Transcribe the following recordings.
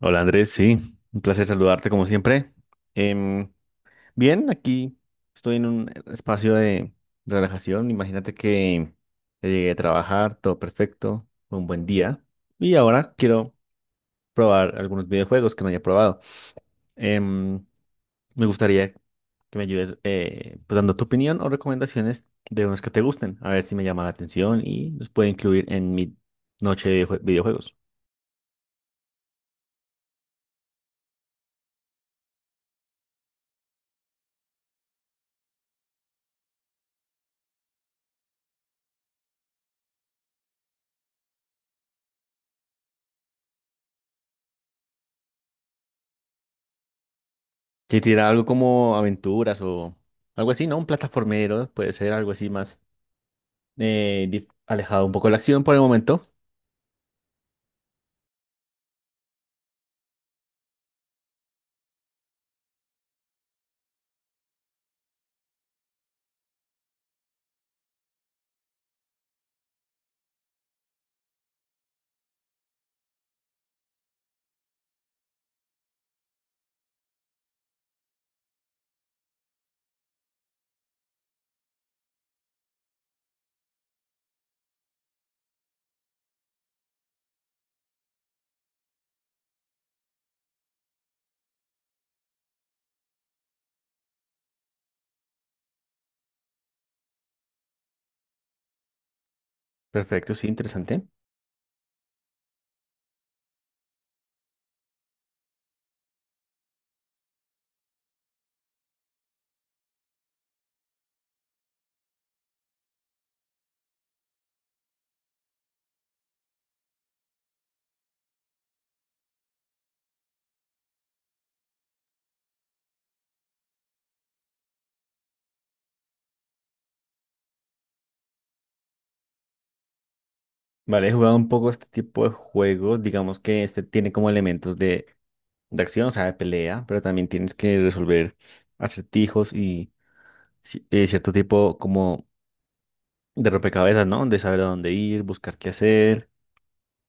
Hola Andrés, sí, un placer saludarte como siempre. Em, Bien, aquí estoy en un espacio de relajación. Imagínate que ya llegué a trabajar, todo perfecto, fue un buen día. Y ahora quiero probar algunos videojuegos que no haya probado. Em, Me gustaría que me ayudes pues dando tu opinión o recomendaciones de unos que te gusten, a ver si me llama la atención y los puedo incluir en mi noche de videojuegos. Que tira algo como aventuras o algo así, ¿no? Un plataformero, puede ser algo así más alejado un poco de la acción por el momento. Perfecto, sí, interesante. Vale, he jugado un poco este tipo de juegos. Digamos que este tiene como elementos de acción, o sea, de pelea, pero también tienes que resolver acertijos y cierto tipo como de rompecabezas, ¿no? De saber a dónde ir, buscar qué hacer.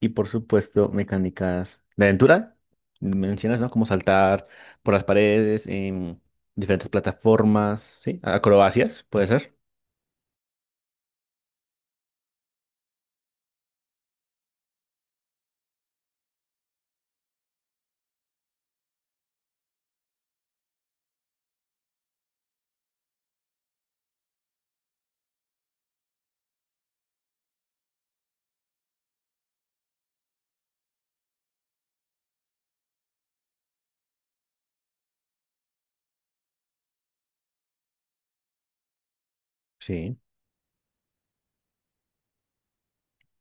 Y por supuesto, mecánicas de aventura. Mencionas, ¿no? Como saltar por las paredes, en diferentes plataformas, ¿sí? Acrobacias, puede ser. Sí,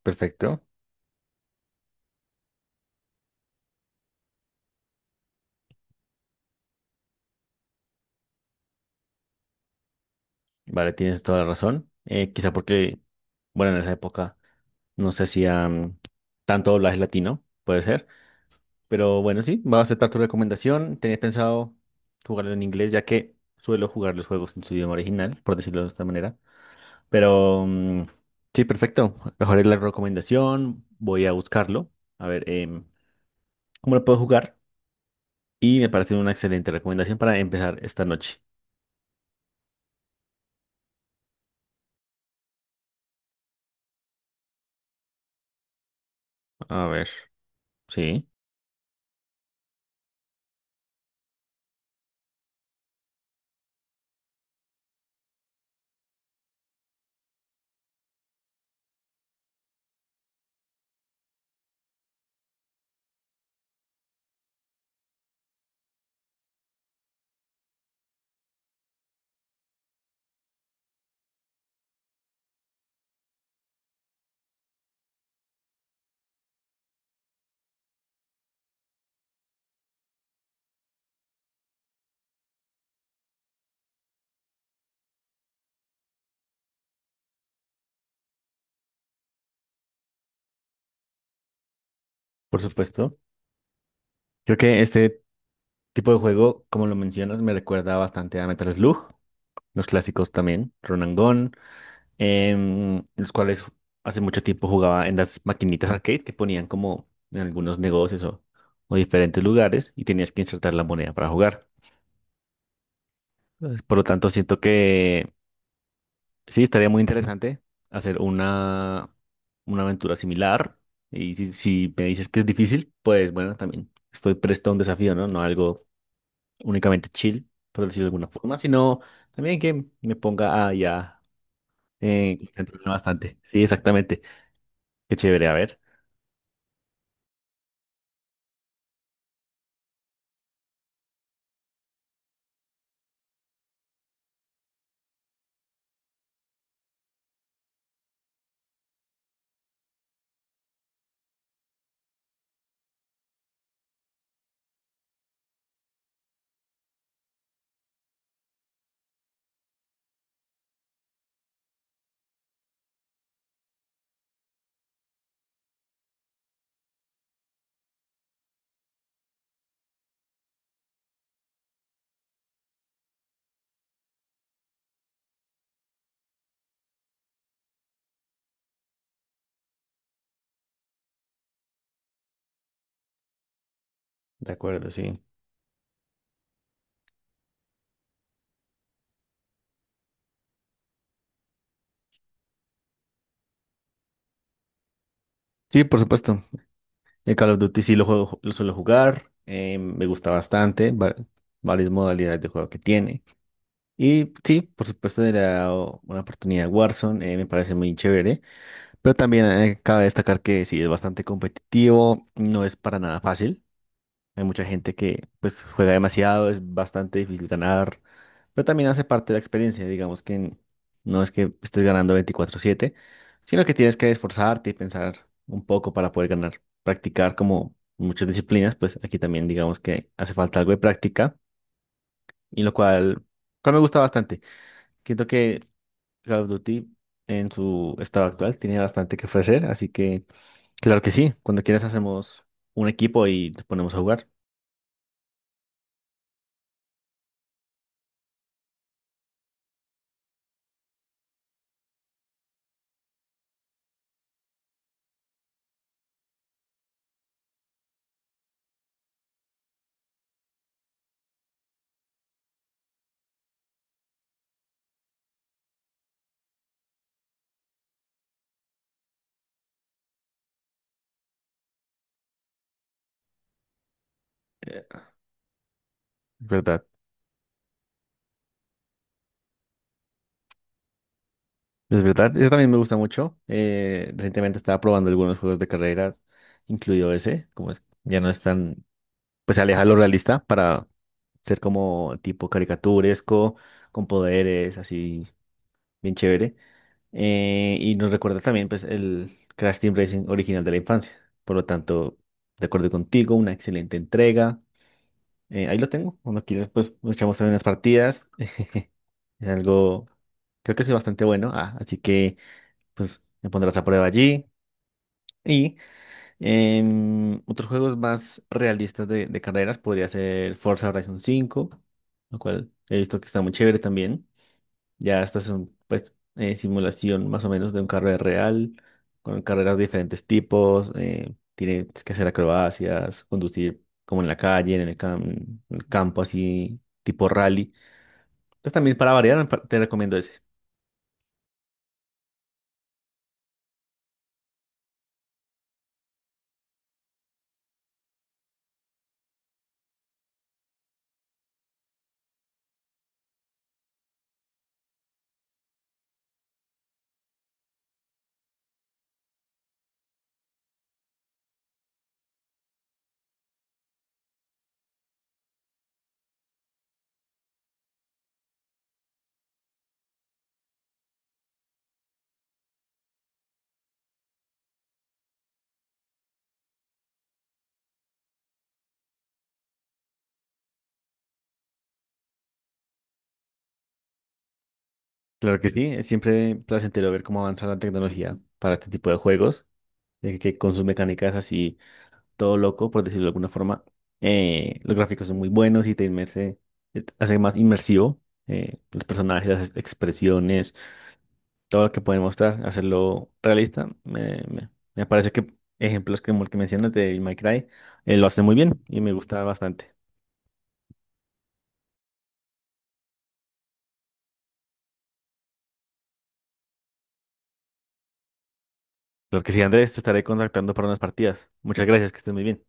perfecto. Vale, tienes toda la razón. Quizá porque, bueno, en esa época no se hacían tanto doblaje latino, puede ser. Pero bueno, sí, voy a aceptar tu recomendación. Tenía pensado jugarlo en inglés, ya que suelo jugar los juegos en su idioma original, por decirlo de esta manera. Pero sí, perfecto. Mejoré la recomendación. Voy a buscarlo. A ver, ¿cómo lo puedo jugar? Y me parece una excelente recomendación para empezar esta noche. A ver, sí, por supuesto. Creo que este tipo de juego, como lo mencionas, me recuerda bastante a Metal Slug, los clásicos también, Run and Gun, los cuales hace mucho tiempo jugaba en las maquinitas arcade que ponían como en algunos negocios o diferentes lugares y tenías que insertar la moneda para jugar. Por lo tanto, siento que sí, estaría muy interesante hacer una aventura similar. Y si me dices que es difícil, pues bueno, también estoy presto a un desafío, ¿no? No algo únicamente chill, por decirlo de alguna forma, sino también que me ponga a ya concentrarme bastante. Sí, exactamente. Qué chévere, a ver. De acuerdo, sí. Sí, por supuesto. El Call of Duty sí lo juego, lo suelo jugar. Me gusta bastante. Varias modalidades de juego que tiene. Y sí, por supuesto, le da una oportunidad a Warzone, me parece muy chévere, pero también cabe destacar que sí es bastante competitivo, no es para nada fácil. Hay mucha gente que pues juega demasiado, es bastante difícil ganar, pero también hace parte de la experiencia, digamos que no es que estés ganando 24/7 sino que tienes que esforzarte y pensar un poco para poder ganar, practicar como muchas disciplinas, pues aquí también digamos que hace falta algo de práctica, y cual me gusta bastante. Siento que Call of Duty en su estado actual tiene bastante que ofrecer, así que claro que sí, cuando quieras hacemos un equipo y te ponemos a jugar. Eh, Es verdad, es verdad. Eso también me gusta mucho. Recientemente estaba probando algunos juegos de carrera, incluido ese, como es, ya no es tan, pues se aleja de lo realista para ser como tipo caricaturesco, con poderes, así bien chévere. Y nos recuerda también pues, el Crash Team Racing original de la infancia. Por lo tanto, de acuerdo contigo, una excelente entrega. Ahí lo tengo. Cuando quieras, pues nos echamos también unas partidas. Es algo, creo que es bastante bueno. Ah, así que, pues me pondrás a prueba allí. Y otros juegos más realistas de carreras podría ser Forza Horizon 5, lo cual he visto que está muy chévere también. Ya esta es un, pues, simulación más o menos de un carrera real, con carreras de diferentes tipos. Tienes que hacer acrobacias, conducir como en la calle, en el, en el campo, así, tipo rally. Entonces también para variar, te recomiendo ese. Claro que sí, es siempre placentero ver cómo avanza la tecnología para este tipo de juegos, que con sus mecánicas así, todo loco, por decirlo de alguna forma. Los gráficos son muy buenos y te inmerse, te hace más inmersivo. Los personajes, las expresiones todo lo que pueden mostrar, hacerlo realista. Me parece que ejemplos como el que mencionas de My Cry lo hacen muy bien y me gusta bastante. Lo que sí, Andrés, te estaré contactando para unas partidas. Muchas gracias, que estés muy bien.